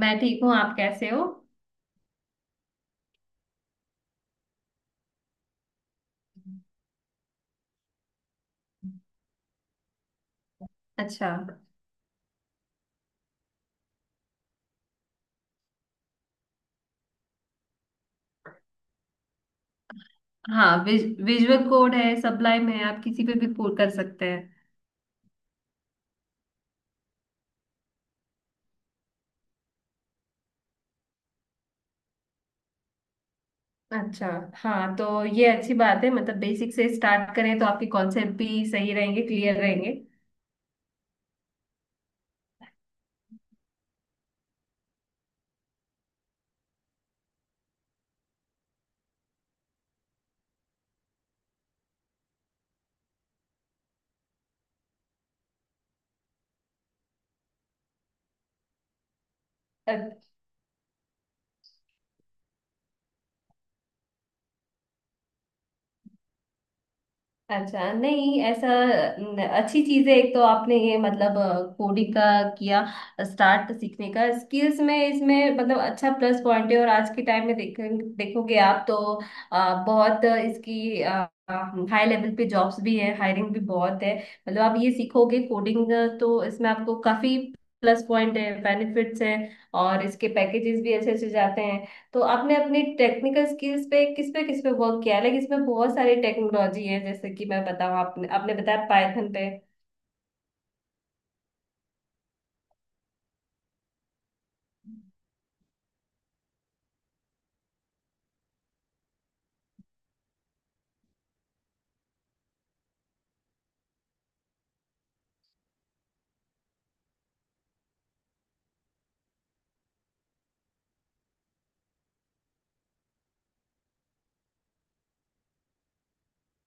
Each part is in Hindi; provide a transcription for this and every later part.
मैं ठीक हूँ। आप कैसे हो? अच्छा। हाँ, विजुअल कोड है, सबलाइम है, आप किसी पे भी कोड कर सकते हैं। अच्छा। हाँ, तो ये अच्छी बात है, मतलब बेसिक से स्टार्ट करें तो आपके कॉन्सेप्ट भी सही रहेंगे, क्लियर रहेंगे। अच्छा, नहीं ऐसा। अच्छी चीज है। एक तो आपने ये मतलब कोडिंग का किया स्टार्ट, सीखने का, स्किल्स में इसमें मतलब अच्छा प्लस पॉइंट है। और आज के टाइम में देखोगे आप तो बहुत इसकी हाई लेवल पे जॉब्स भी है, हायरिंग भी बहुत है, मतलब आप ये सीखोगे कोडिंग तो इसमें आपको काफी प्लस पॉइंट है, बेनिफिट्स हैं। और इसके पैकेजेस भी अच्छे अच्छे जाते हैं। तो आपने अपनी टेक्निकल स्किल्स पे किस पे किस पे वर्क किया है? लाइक इसमें बहुत सारी टेक्नोलॉजी है, जैसे कि मैं बताऊँ, आपने आपने बताया पाइथन पे।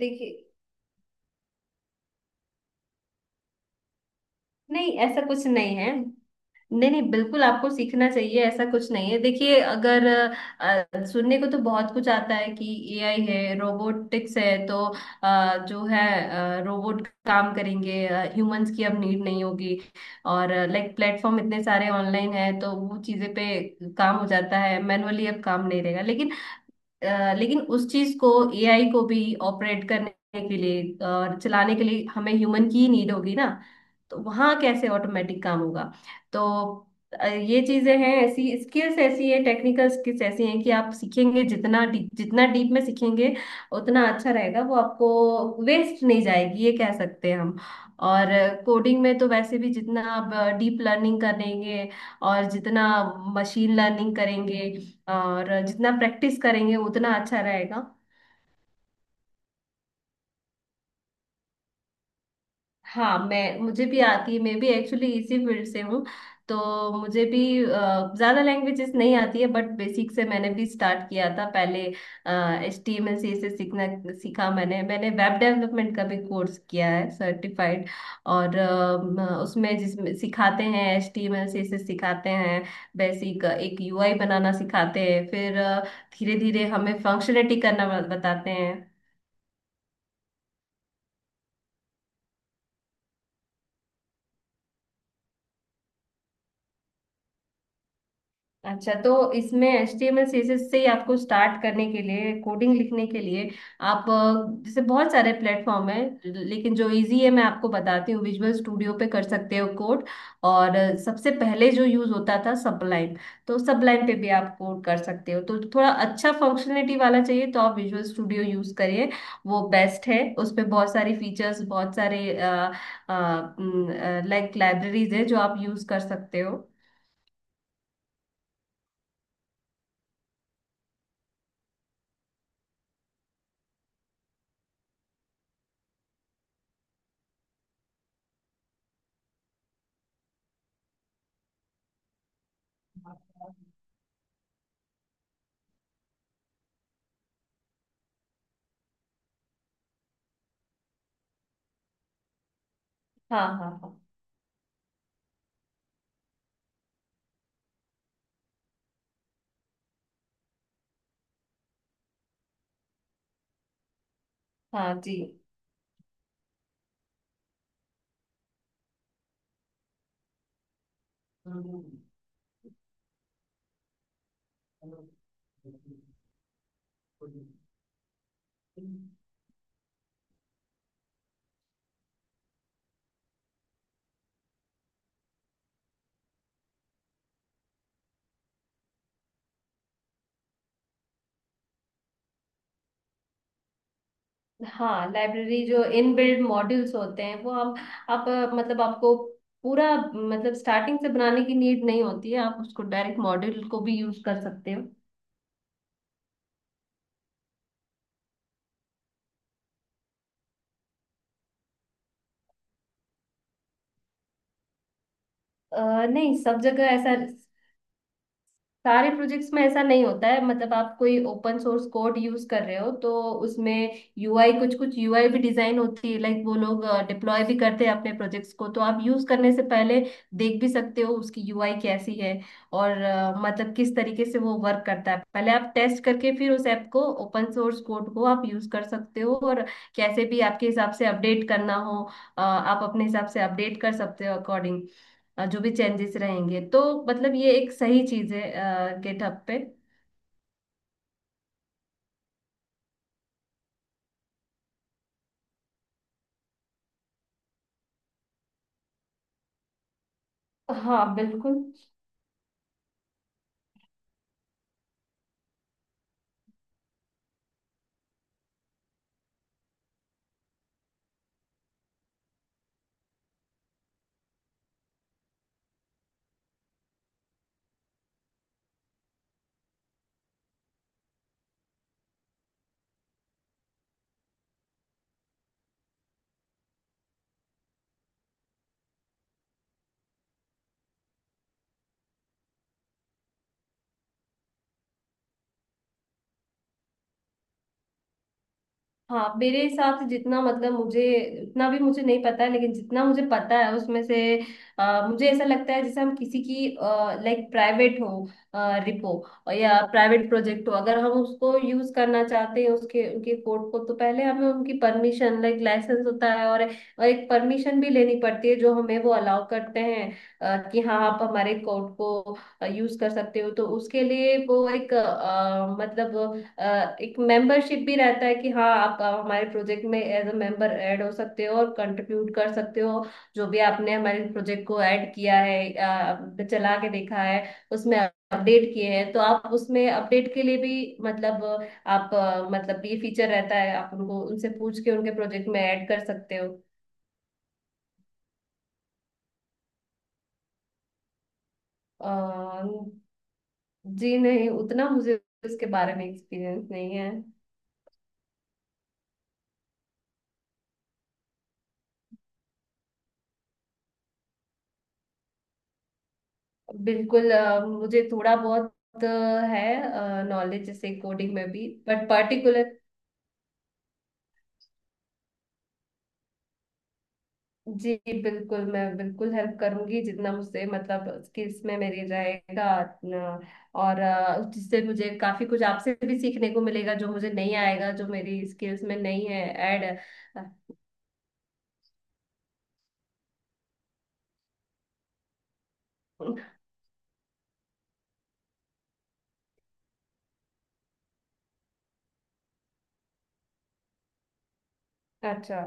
देखिए, नहीं ऐसा कुछ नहीं है। नहीं नहीं, बिल्कुल आपको सीखना चाहिए, ऐसा कुछ नहीं है। देखिए, अगर सुनने को तो बहुत कुछ आता है कि एआई है, रोबोटिक्स है, तो जो है रोबोट काम करेंगे, ह्यूमंस की अब नीड नहीं होगी। और लाइक प्लेटफॉर्म इतने सारे ऑनलाइन है, तो वो चीजें पे काम हो जाता है, मैनुअली अब काम नहीं रहेगा। लेकिन लेकिन उस चीज को, एआई को भी ऑपरेट करने के लिए और चलाने के लिए हमें ह्यूमन की ही नीड होगी ना। तो वहाँ कैसे ऑटोमेटिक काम होगा? तो ये चीजें हैं, ऐसी स्किल्स ऐसी है, टेक्निकल स्किल्स ऐसी हैं कि आप सीखेंगे, जितना डीप में सीखेंगे उतना अच्छा रहेगा। वो आपको वेस्ट नहीं जाएगी, ये कह सकते हैं हम। और कोडिंग में तो वैसे भी जितना आप डीप लर्निंग करेंगे और जितना मशीन लर्निंग करेंगे और जितना प्रैक्टिस करेंगे उतना अच्छा रहेगा। हाँ, मैं मुझे भी आती है। मैं भी एक्चुअली इसी फील्ड से हूँ, तो मुझे भी ज़्यादा लैंग्वेजेस नहीं आती है, बट बेसिक से मैंने भी स्टार्ट किया था पहले। H T M L C से सीखना सीखा मैंने। वेब डेवलपमेंट का भी कोर्स किया है सर्टिफाइड। और उसमें, जिसमें सिखाते हैं, H T M L C से सिखाते हैं, बेसिक एक यू आई बनाना सिखाते हैं। फिर धीरे धीरे हमें फंक्शनलिटी करना बताते हैं। अच्छा, तो इसमें HTML CSS से ही आपको स्टार्ट करने के लिए, कोडिंग लिखने के लिए, आप जैसे बहुत सारे प्लेटफॉर्म है, लेकिन जो इजी है मैं आपको बताती हूँ, विजुअल स्टूडियो पे कर सकते हो कोड। और सबसे पहले जो यूज होता था सबलाइन, तो सबलाइन पे भी आप कोड कर सकते हो। तो थोड़ा अच्छा फंक्शनलिटी वाला चाहिए तो आप विजुअल स्टूडियो यूज करिए, वो बेस्ट है। उस पे बहुत सारी फीचर्स, बहुत सारे लाइक लाइब्रेरीज है, जो आप यूज कर सकते हो। हाँ हाँ हाँ। हाँ जी। हाँ, लाइब्रेरी, जो इन बिल्ड मॉड्यूल्स होते हैं, वो हम आप मतलब आपको पूरा मतलब स्टार्टिंग से बनाने की नीड नहीं होती है, आप उसको डायरेक्ट मॉड्यूल को भी यूज कर सकते हो। नहीं, सब जगह ऐसा, सारे प्रोजेक्ट्स में ऐसा नहीं होता है। मतलब आप कोई ओपन सोर्स कोड यूज कर रहे हो तो उसमें यूआई, कुछ कुछ यूआई भी डिजाइन होती है। लाइक वो लोग डिप्लॉय भी करते हैं अपने प्रोजेक्ट्स को, तो आप यूज करने से पहले देख भी सकते हो उसकी यूआई कैसी है। और मतलब किस तरीके से वो वर्क करता है, पहले आप टेस्ट करके फिर उस ऐप को, ओपन सोर्स कोड को आप यूज कर सकते हो। और कैसे भी आपके हिसाब से अपडेट करना हो, आप अपने हिसाब से अपडेट कर सकते हो अकॉर्डिंग, जो भी चेंजेस रहेंगे। तो मतलब ये एक सही चीज है गेटअप पे। हाँ, बिल्कुल। हाँ मेरे हिसाब से, जितना मतलब मुझे, उतना भी मुझे नहीं पता है, लेकिन जितना मुझे पता है उसमें से मुझे ऐसा लगता है जैसे हम किसी की लाइक प्राइवेट हो रिपो या प्राइवेट प्रोजेक्ट हो, अगर हम उसको यूज करना चाहते हैं, उसके उनके कोड को, तो पहले हमें उनकी परमिशन, लाइक लाइसेंस होता है और एक परमिशन भी लेनी पड़ती है, जो हमें वो अलाउ करते हैं कि हाँ आप हमारे कोड को यूज कर सकते हो। तो उसके लिए वो एक मतलब अ, एक मेंबरशिप भी रहता है कि हाँ आप हमारे प्रोजेक्ट में एज अ मेंबर ऐड हो सकते हो और कंट्रीब्यूट कर सकते हो। जो भी आपने हमारे प्रोजेक्ट को ऐड किया है, चला के देखा है, उसमें अपडेट किए हैं, तो आप उसमें अपडेट के लिए भी मतलब आप मतलब ये फीचर रहता है, आप उनको, उनसे पूछ के उनके प्रोजेक्ट में ऐड कर सकते हो। अ, जी नहीं, उतना मुझे उसके बारे में एक्सपीरियंस नहीं है। बिल्कुल, मुझे थोड़ा बहुत अ, है नॉलेज, जैसे कोडिंग में भी, बट पर्टिकुलर। जी बिल्कुल, मैं बिल्कुल हेल्प करूंगी, जितना मुझसे मतलब स्किल्स में मेरे रहेगा। न, और जिससे मुझे काफी कुछ आपसे भी सीखने को मिलेगा, जो मुझे नहीं आएगा, जो मेरी स्किल्स में नहीं है ऐड। अच्छा।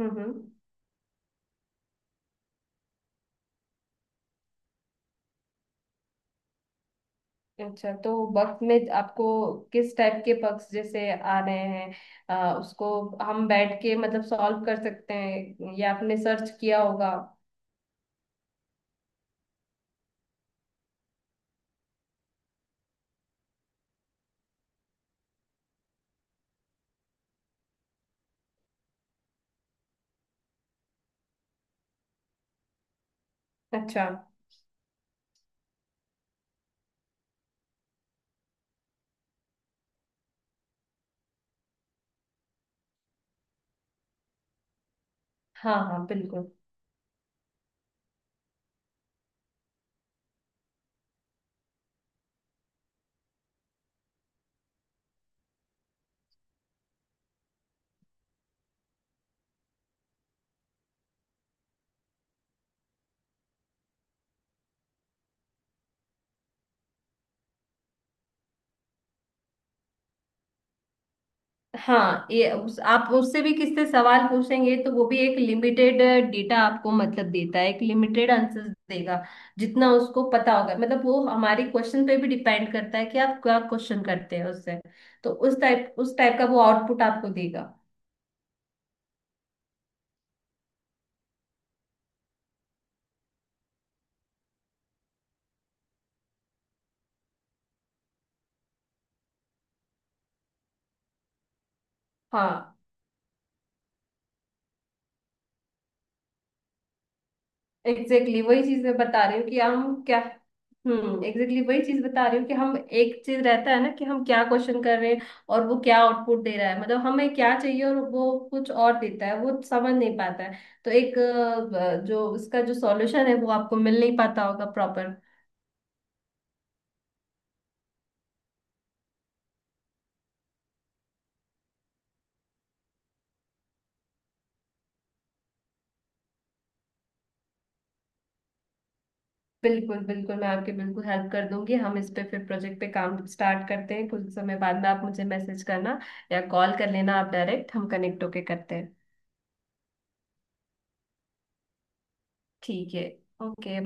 हम्म। अच्छा, तो बक में आपको किस टाइप के पक्ष जैसे आ रहे हैं? उसको हम बैठ के मतलब सॉल्व कर सकते हैं, या आपने सर्च किया होगा? अच्छा। हाँ हाँ, बिल्कुल। हाँ, आप उससे भी, किससे सवाल पूछेंगे तो वो भी एक लिमिटेड डेटा आपको मतलब देता है, एक लिमिटेड आंसर देगा, जितना उसको पता होगा। मतलब वो हमारे क्वेश्चन पे भी डिपेंड करता है कि आप क्या क्वेश्चन करते हैं उससे, तो उस टाइप का वो आउटपुट आपको देगा। हाँ एग्जैक्टली, exactly, वही चीज मैं बता रही हूँ कि हम क्या। एग्जैक्टली, exactly, वही चीज बता रही हूँ कि हम, एक चीज रहता है ना कि हम क्या क्वेश्चन कर रहे हैं और वो क्या आउटपुट दे रहा है, मतलब हमें क्या चाहिए और वो कुछ और देता है, वो समझ नहीं पाता है। तो एक जो उसका जो सॉल्यूशन है वो आपको मिल नहीं पाता होगा प्रॉपर। बिल्कुल बिल्कुल, मैं आपकी बिल्कुल हेल्प कर दूंगी। हम इस पे फिर प्रोजेक्ट पे काम स्टार्ट करते हैं, कुछ समय बाद में आप मुझे मैसेज करना या कॉल कर लेना, आप डायरेक्ट, हम कनेक्ट होके करते हैं। ठीक है। ओके।